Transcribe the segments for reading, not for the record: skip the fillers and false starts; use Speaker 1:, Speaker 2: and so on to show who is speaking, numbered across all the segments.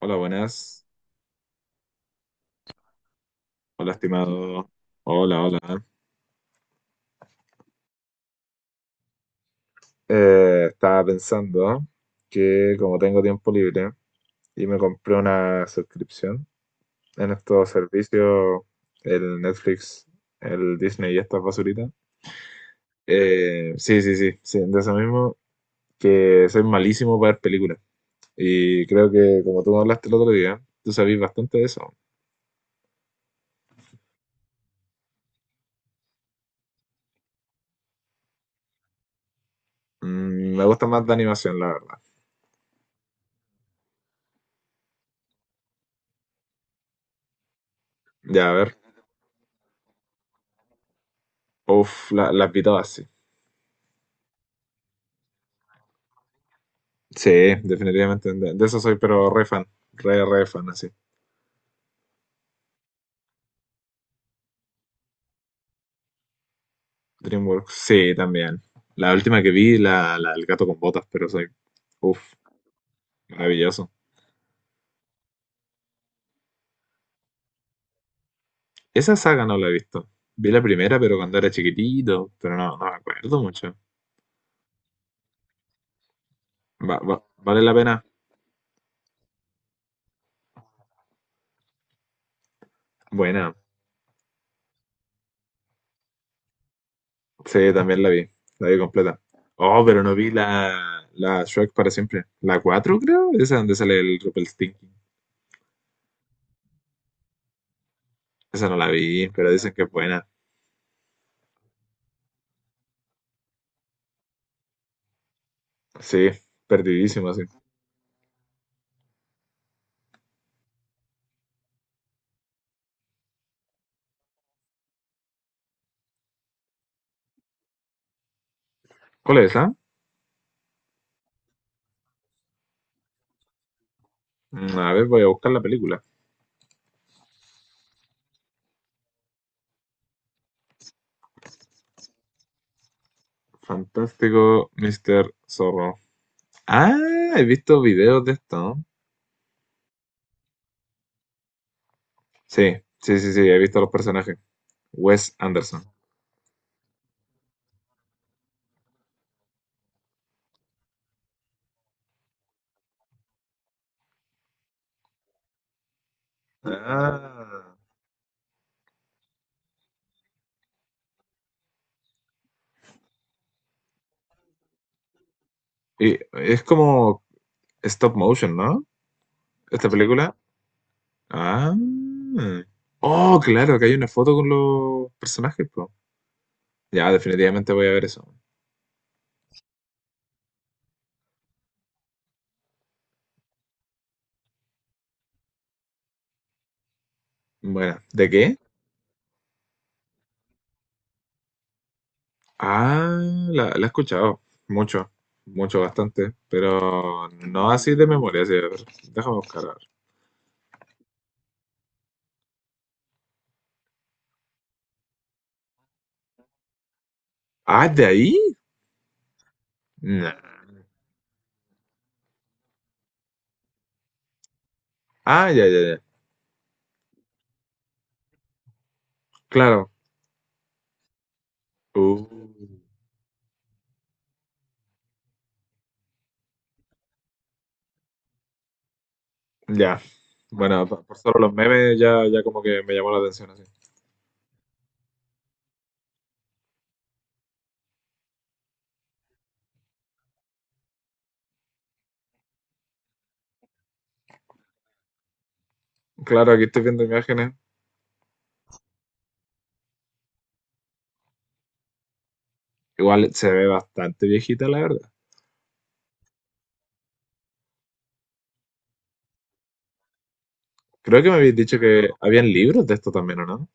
Speaker 1: Hola, buenas. Hola, estimado. Hola, hola. Estaba pensando que como tengo tiempo libre y me compré una suscripción en estos servicios, el Netflix, el Disney y estas basuritas. Sí, sí, sí, sí, de eso mismo, que soy malísimo para ver películas. Y creo que como tú me hablaste el otro día, tú sabís bastante de eso. Mm, me gusta más de animación, la verdad. Ya, a ver. Uf, las vi todas, sí. Sí, definitivamente. De eso soy, pero re fan. Re fan, así. DreamWorks. Sí, también. La última que vi, la El gato con botas, pero soy. Uf, maravilloso. Esa saga no la he visto. Vi la primera, pero cuando era chiquitito, pero no, no me acuerdo mucho. ¿Vale la pena? Buena. Sí, también la vi. La vi completa. Oh, pero no vi la Shrek para siempre. La 4, creo. Esa donde sale el Rumpelstiltskin. Esa no la vi, pero dicen que es buena. Sí, perdidísimo, sí. ¿Cuál es? Mm, a ver, voy a buscar la película. Fantástico, Mr. Zorro. Ah, he visto videos de esto, ¿no? Sí, sí, sí, sí, he visto los personajes. Wes Anderson. Ah, y es como stop motion, ¿no? Esta película. Ah. Oh, claro, que hay una foto con los personajes, po. Ya, definitivamente voy a ver eso. Bueno, ¿de qué? Ah, la he escuchado mucho, mucho, bastante, pero no así de memoria. Sí, a ver, déjame buscar. A ver. Ah, ¿de ahí? Nah. Ah, ya, ya, ya. Claro. Uh, ya. Bueno, por solo los memes ya, ya como que me llamó la atención así. Claro, aquí estoy viendo imágenes. Igual se ve bastante viejita, la verdad. Creo que me habías dicho que habían libros de esto también, ¿o no?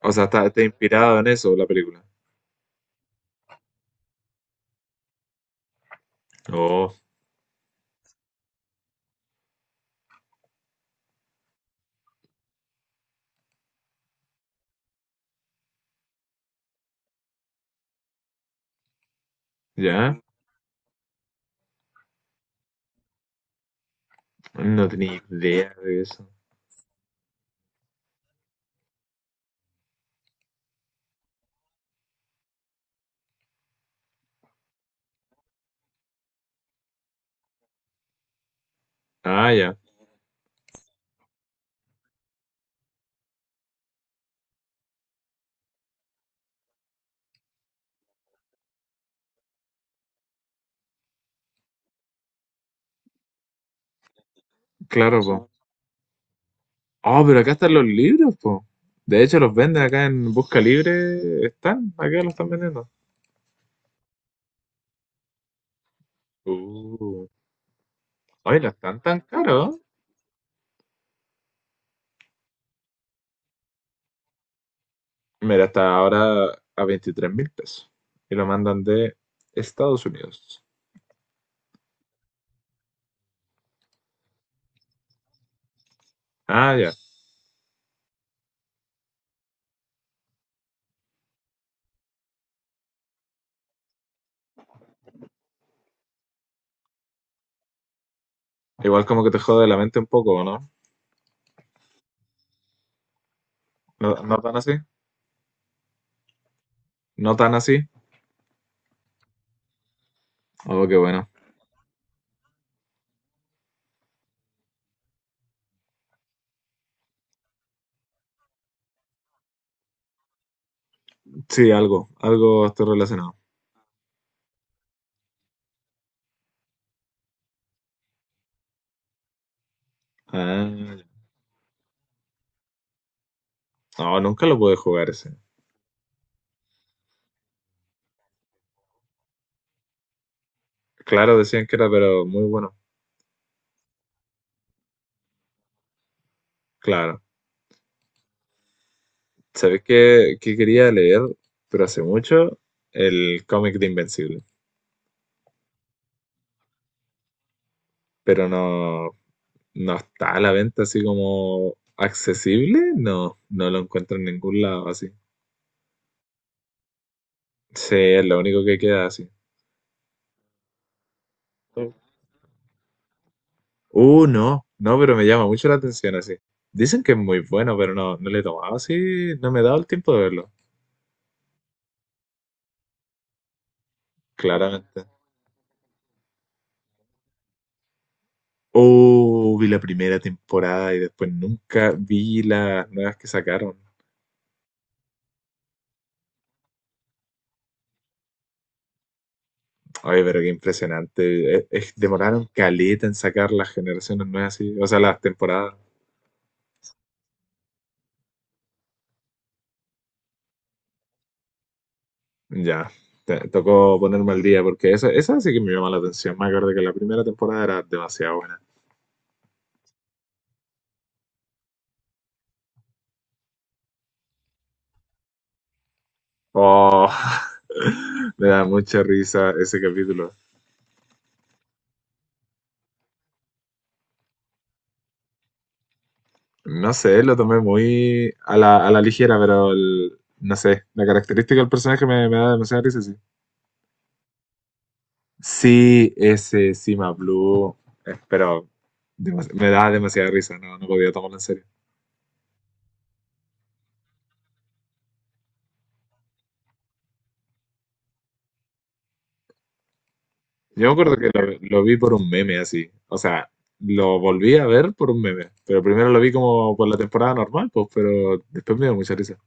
Speaker 1: O sea, está inspirado en eso la película. Oh, ya. No tenía idea de eso. Ah, ya. Claro, po. Oh, pero acá están los libros, po. De hecho, los venden acá en Busca Libre. Están, acá los están vendiendo. Uh, Hoy no están tan caros. Mira, hasta ahora a 23.000 pesos. Y lo mandan de Estados Unidos. Ah, ya. Igual como que te jode la mente un poco, ¿no? ¿No, no tan así? ¿No tan así? Oh, qué bueno. Sí, algo. Algo estoy relacionado. Ah, ya. No, nunca lo pude jugar ese. Claro, decían que era, pero muy bueno. Claro. ¿Sabes qué quería leer? Pero hace mucho, el cómic de Invencible. Pero no, no está a la venta así como accesible. No, no lo encuentro en ningún lado así. Sí, es lo único que queda así. Mm. No, no, pero me llama mucho la atención así. Dicen que es muy bueno, pero no, no le he tomado así, no me he dado el tiempo de verlo, claramente. Oh, vi la primera temporada y después nunca vi las nuevas que sacaron. Oye, pero qué impresionante. Demoraron caleta en sacar las generaciones nuevas, así. O sea, las temporadas. Ya, tocó ponerme al día porque esa sí que me llama la atención. Me acuerdo que la primera temporada era demasiado buena. Oh, me da mucha risa ese capítulo. No sé, lo tomé muy a la ligera, pero no sé, la característica del personaje me da demasiada risa, sí. Sí, ese Sima Blue, pero me da demasiada risa, no, no podía tomarlo en serio. Yo me acuerdo que lo vi por un meme así. O sea, lo volví a ver por un meme. Pero primero lo vi como por la temporada normal, pues, pero después me dio mucha risa.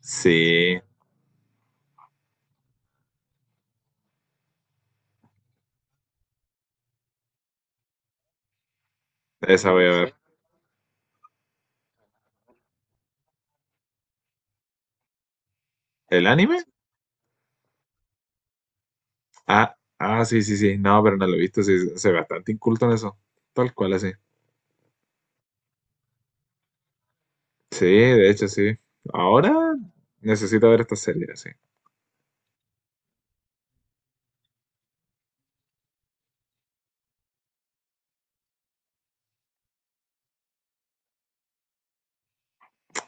Speaker 1: Sí, esa voy a, sí, ver. ¿El anime? Ah, ah, sí, sí, sí. No, pero no lo he visto. Sí, soy bastante inculto en eso. Tal cual, así. Sí, de hecho, sí. Ahora necesito ver esta serie, así.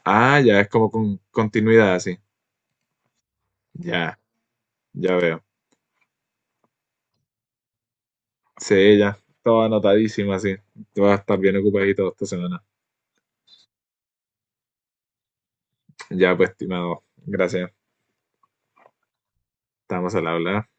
Speaker 1: Ah, ya, es como con continuidad, así. Ya, ya veo. Sí, ya. Todo anotadísimo, así. Tú vas a estar bien ocupadito esta semana. Ya, pues, estimado, gracias. Estamos al habla.